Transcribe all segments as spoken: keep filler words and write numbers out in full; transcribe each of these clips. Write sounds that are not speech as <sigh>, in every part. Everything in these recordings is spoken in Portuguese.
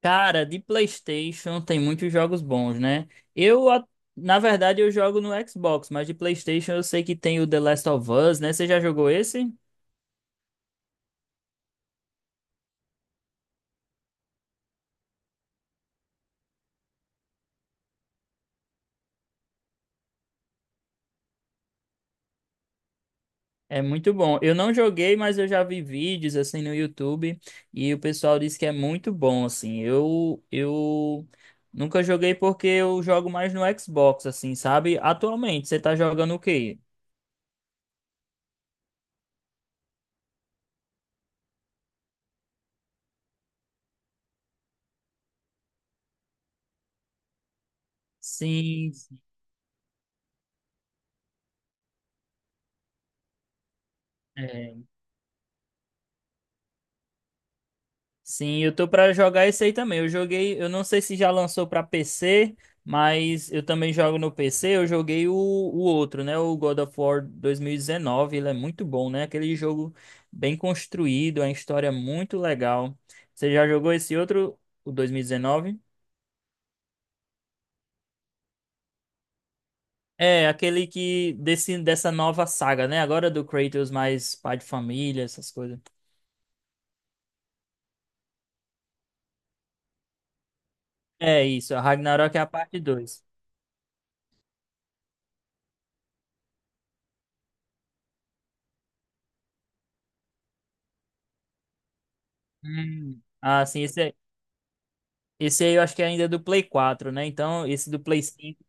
Cara, de PlayStation tem muitos jogos bons, né? Eu, a- na verdade, eu jogo no Xbox, mas de PlayStation eu sei que tem o The Last of Us, né? Você já jogou esse? É muito bom. Eu não joguei, mas eu já vi vídeos assim no YouTube e o pessoal disse que é muito bom, assim. Eu, eu nunca joguei porque eu jogo mais no Xbox, assim, sabe? Atualmente, você tá jogando o quê? Sim, sim. Sim, eu tô pra jogar esse aí também. Eu joguei, eu não sei se já lançou pra P C, mas eu também jogo no P C. Eu joguei o, o outro, né? O God of War dois mil e dezenove. Ele é muito bom, né? Aquele jogo bem construído, a história é muito legal. Você já jogou esse outro, o dois mil e dezenove? É, aquele que desse, dessa nova saga, né? Agora do Kratos mais pai de família, essas coisas. É isso, a Ragnarok é a parte dois. Hum. Ah, sim, esse, é. Esse aí eu acho que ainda é do Play quatro, né? Então, esse do Play cinco,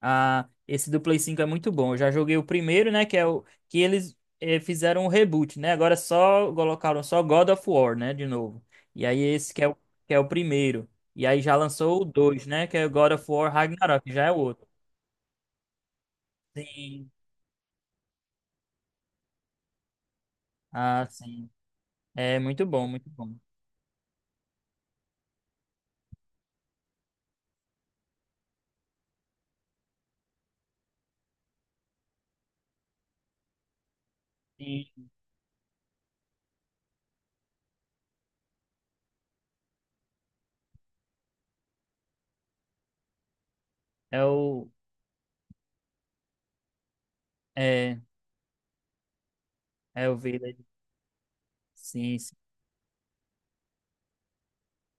ah, esse do Play cinco é muito bom. Eu já joguei o primeiro, né? Que é o que eles eh, fizeram o reboot, né? Agora só colocaram só God of War, né? De novo. E aí esse que é o, que é o primeiro. E aí já lançou o dois, né? Que é o God of War Ragnarok, que já é o outro. Sim. Ah, sim. É muito bom, muito bom. Sim. É o. É, é o Village. Sim, sim.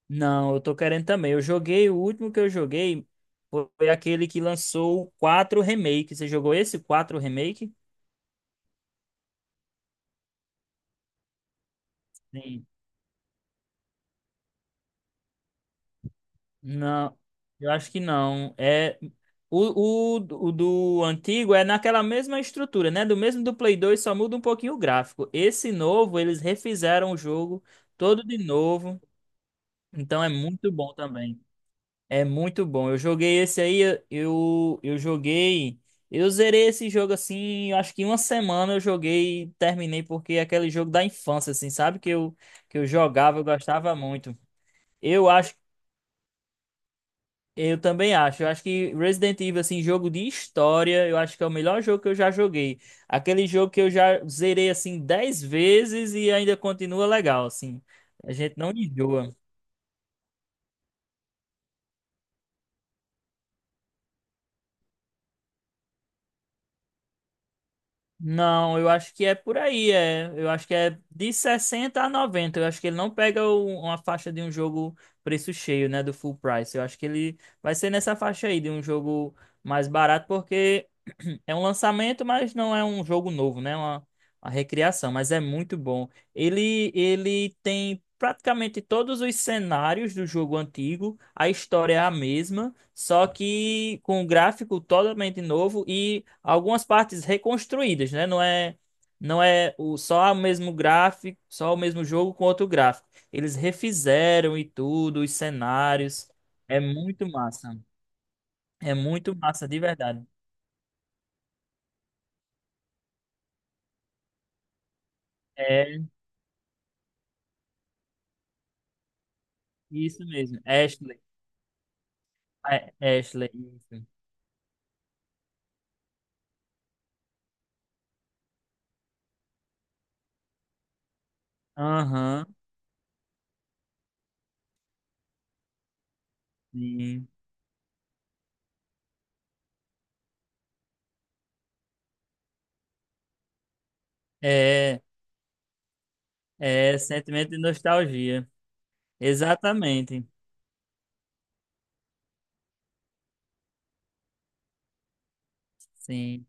Não, eu tô querendo também. Eu joguei, o último que eu joguei foi aquele que lançou o Quatro Remake. Você jogou esse Quatro Remake? Sim. Não, eu acho que não. É o, o, o do antigo é naquela mesma estrutura, né? Do mesmo do Play dois, só muda um pouquinho o gráfico. Esse novo, eles refizeram o jogo todo de novo, então é muito bom também. É muito bom. Eu joguei esse aí, eu, eu joguei. Eu zerei esse jogo assim, eu acho que em uma semana eu joguei e terminei, porque é aquele jogo da infância, assim, sabe? Que eu, que eu jogava, eu gostava muito. Eu acho, eu também acho. Eu acho que Resident Evil, assim, jogo de história, eu acho que é o melhor jogo que eu já joguei. Aquele jogo que eu já zerei, assim, dez vezes e ainda continua legal, assim. A gente não enjoa. Não, eu acho que é por aí, é. Eu acho que é de sessenta a noventa. Eu acho que ele não pega o- uma faixa de um jogo preço cheio, né, do full price. Eu acho que ele vai ser nessa faixa aí de um jogo mais barato, porque <clears throat> é um lançamento, mas não é um jogo novo, né? É Uma, uma recriação, mas é muito bom. Ele ele tem praticamente todos os cenários do jogo antigo. A história é a mesma. Só que com um gráfico totalmente novo e algumas partes reconstruídas, né? Não é, não é o, só o mesmo gráfico, só o mesmo jogo com outro gráfico. Eles refizeram e tudo, os cenários. É muito massa. É muito massa, de verdade. É isso mesmo. Ashley. É, Ashley, isso. Aham, sim. É, é sentimento de nostalgia. Exatamente. Sim.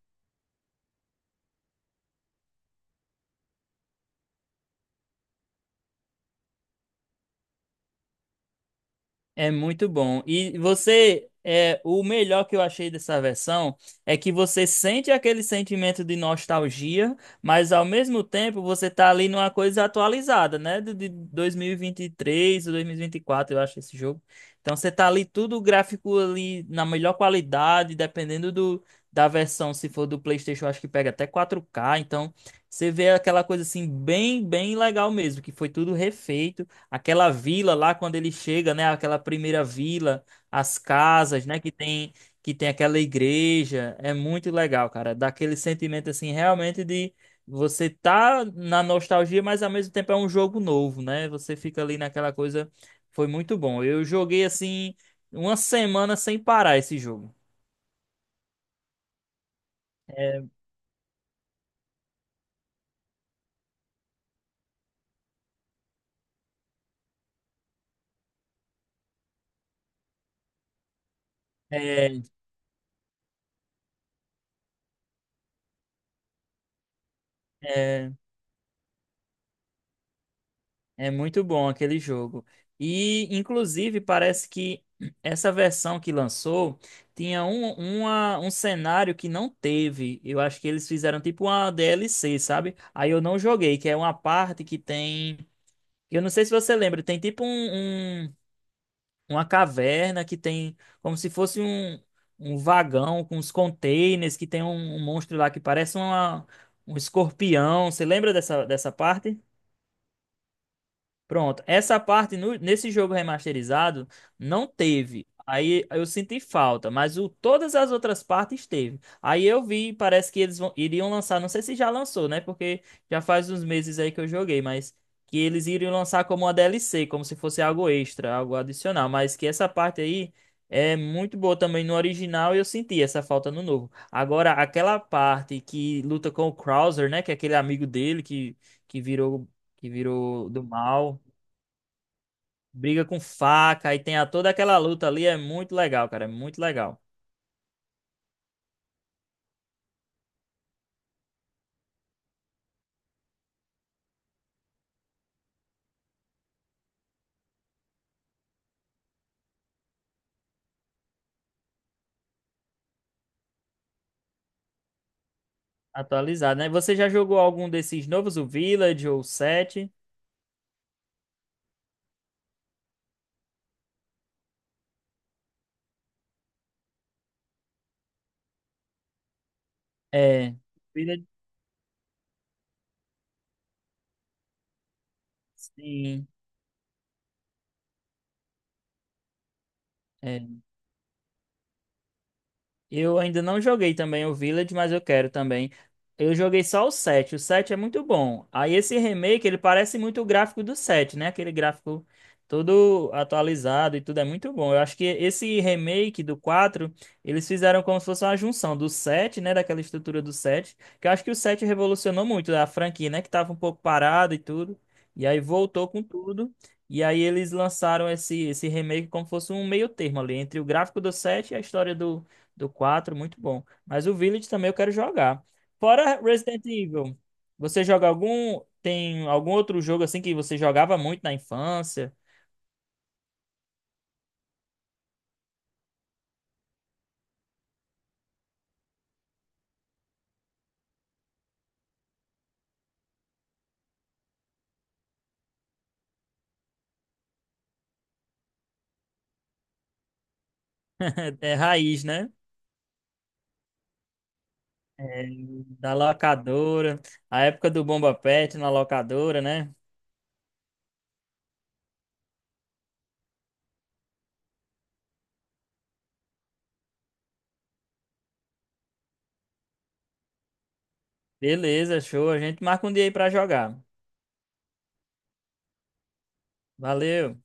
É muito bom. E você, é, o melhor que eu achei dessa versão é que você sente aquele sentimento de nostalgia, mas ao mesmo tempo você tá ali numa coisa atualizada, né? De, de dois mil e vinte e três ou dois mil e vinte e quatro, eu acho, esse jogo. Então você tá ali tudo gráfico ali na melhor qualidade, dependendo do, da versão, se for do PlayStation, eu acho que pega até quatro K. Então você vê aquela coisa assim, bem, bem legal mesmo, que foi tudo refeito. Aquela vila lá quando ele chega, né? Aquela primeira vila, as casas, né? Que tem que tem aquela igreja, é muito legal, cara. Dá aquele sentimento assim, realmente de você tá na nostalgia, mas ao mesmo tempo é um jogo novo, né? Você fica ali naquela coisa, foi muito bom. Eu joguei assim uma semana sem parar esse jogo. É, é, É muito bom aquele jogo. E, inclusive, parece que essa versão que lançou tinha um, uma- um cenário que não teve. Eu acho que eles fizeram tipo uma D L C, sabe? Aí eu não joguei, que é uma parte que tem. Eu não sei se você lembra, tem tipo um, um- uma caverna que tem como se fosse um, um vagão com os containers, que tem um, um monstro lá que parece uma, um escorpião. Você lembra dessa, dessa parte? Pronto, essa parte no- nesse jogo remasterizado não teve. Aí eu senti falta, mas o, todas as outras partes teve. Aí eu vi, parece que eles vão- iriam lançar, não sei se já lançou, né? Porque já faz uns meses aí que eu joguei, mas que eles iriam lançar como uma D L C, como se fosse algo extra, algo adicional. Mas que essa parte aí é muito boa também no original e eu senti essa falta no novo. Agora, aquela parte que luta com o Krauser, né? Que é aquele amigo dele que, que virou que virou do mal, briga com faca, aí tem a, toda aquela luta ali, é muito legal, cara, é muito legal. Atualizado, né? Você já jogou algum desses novos, o Village ou o sete? É, Village, sim. é. Eu ainda não joguei também o Village, mas eu quero também. Eu joguei só o sete. O sete é muito bom. Aí esse remake, ele parece muito o gráfico do sete, né? Aquele gráfico todo atualizado e tudo é muito bom. Eu acho que esse remake do quatro eles fizeram como se fosse uma junção do sete, né? Daquela estrutura do sete. Que eu acho que o sete revolucionou muito a franquia, né? Que tava um pouco parada e tudo. E aí voltou com tudo. E aí eles lançaram esse, esse remake como se fosse um meio termo ali, entre o gráfico do sete e a história do quatro muito bom. Mas o Village também eu quero jogar. Fora Resident Evil, você joga algum. Tem algum outro jogo assim que você jogava muito na infância? <laughs> É raiz, né? É, da locadora. A época do Bomba Pet na locadora, né? Beleza, show. A gente marca um dia aí pra jogar. Valeu.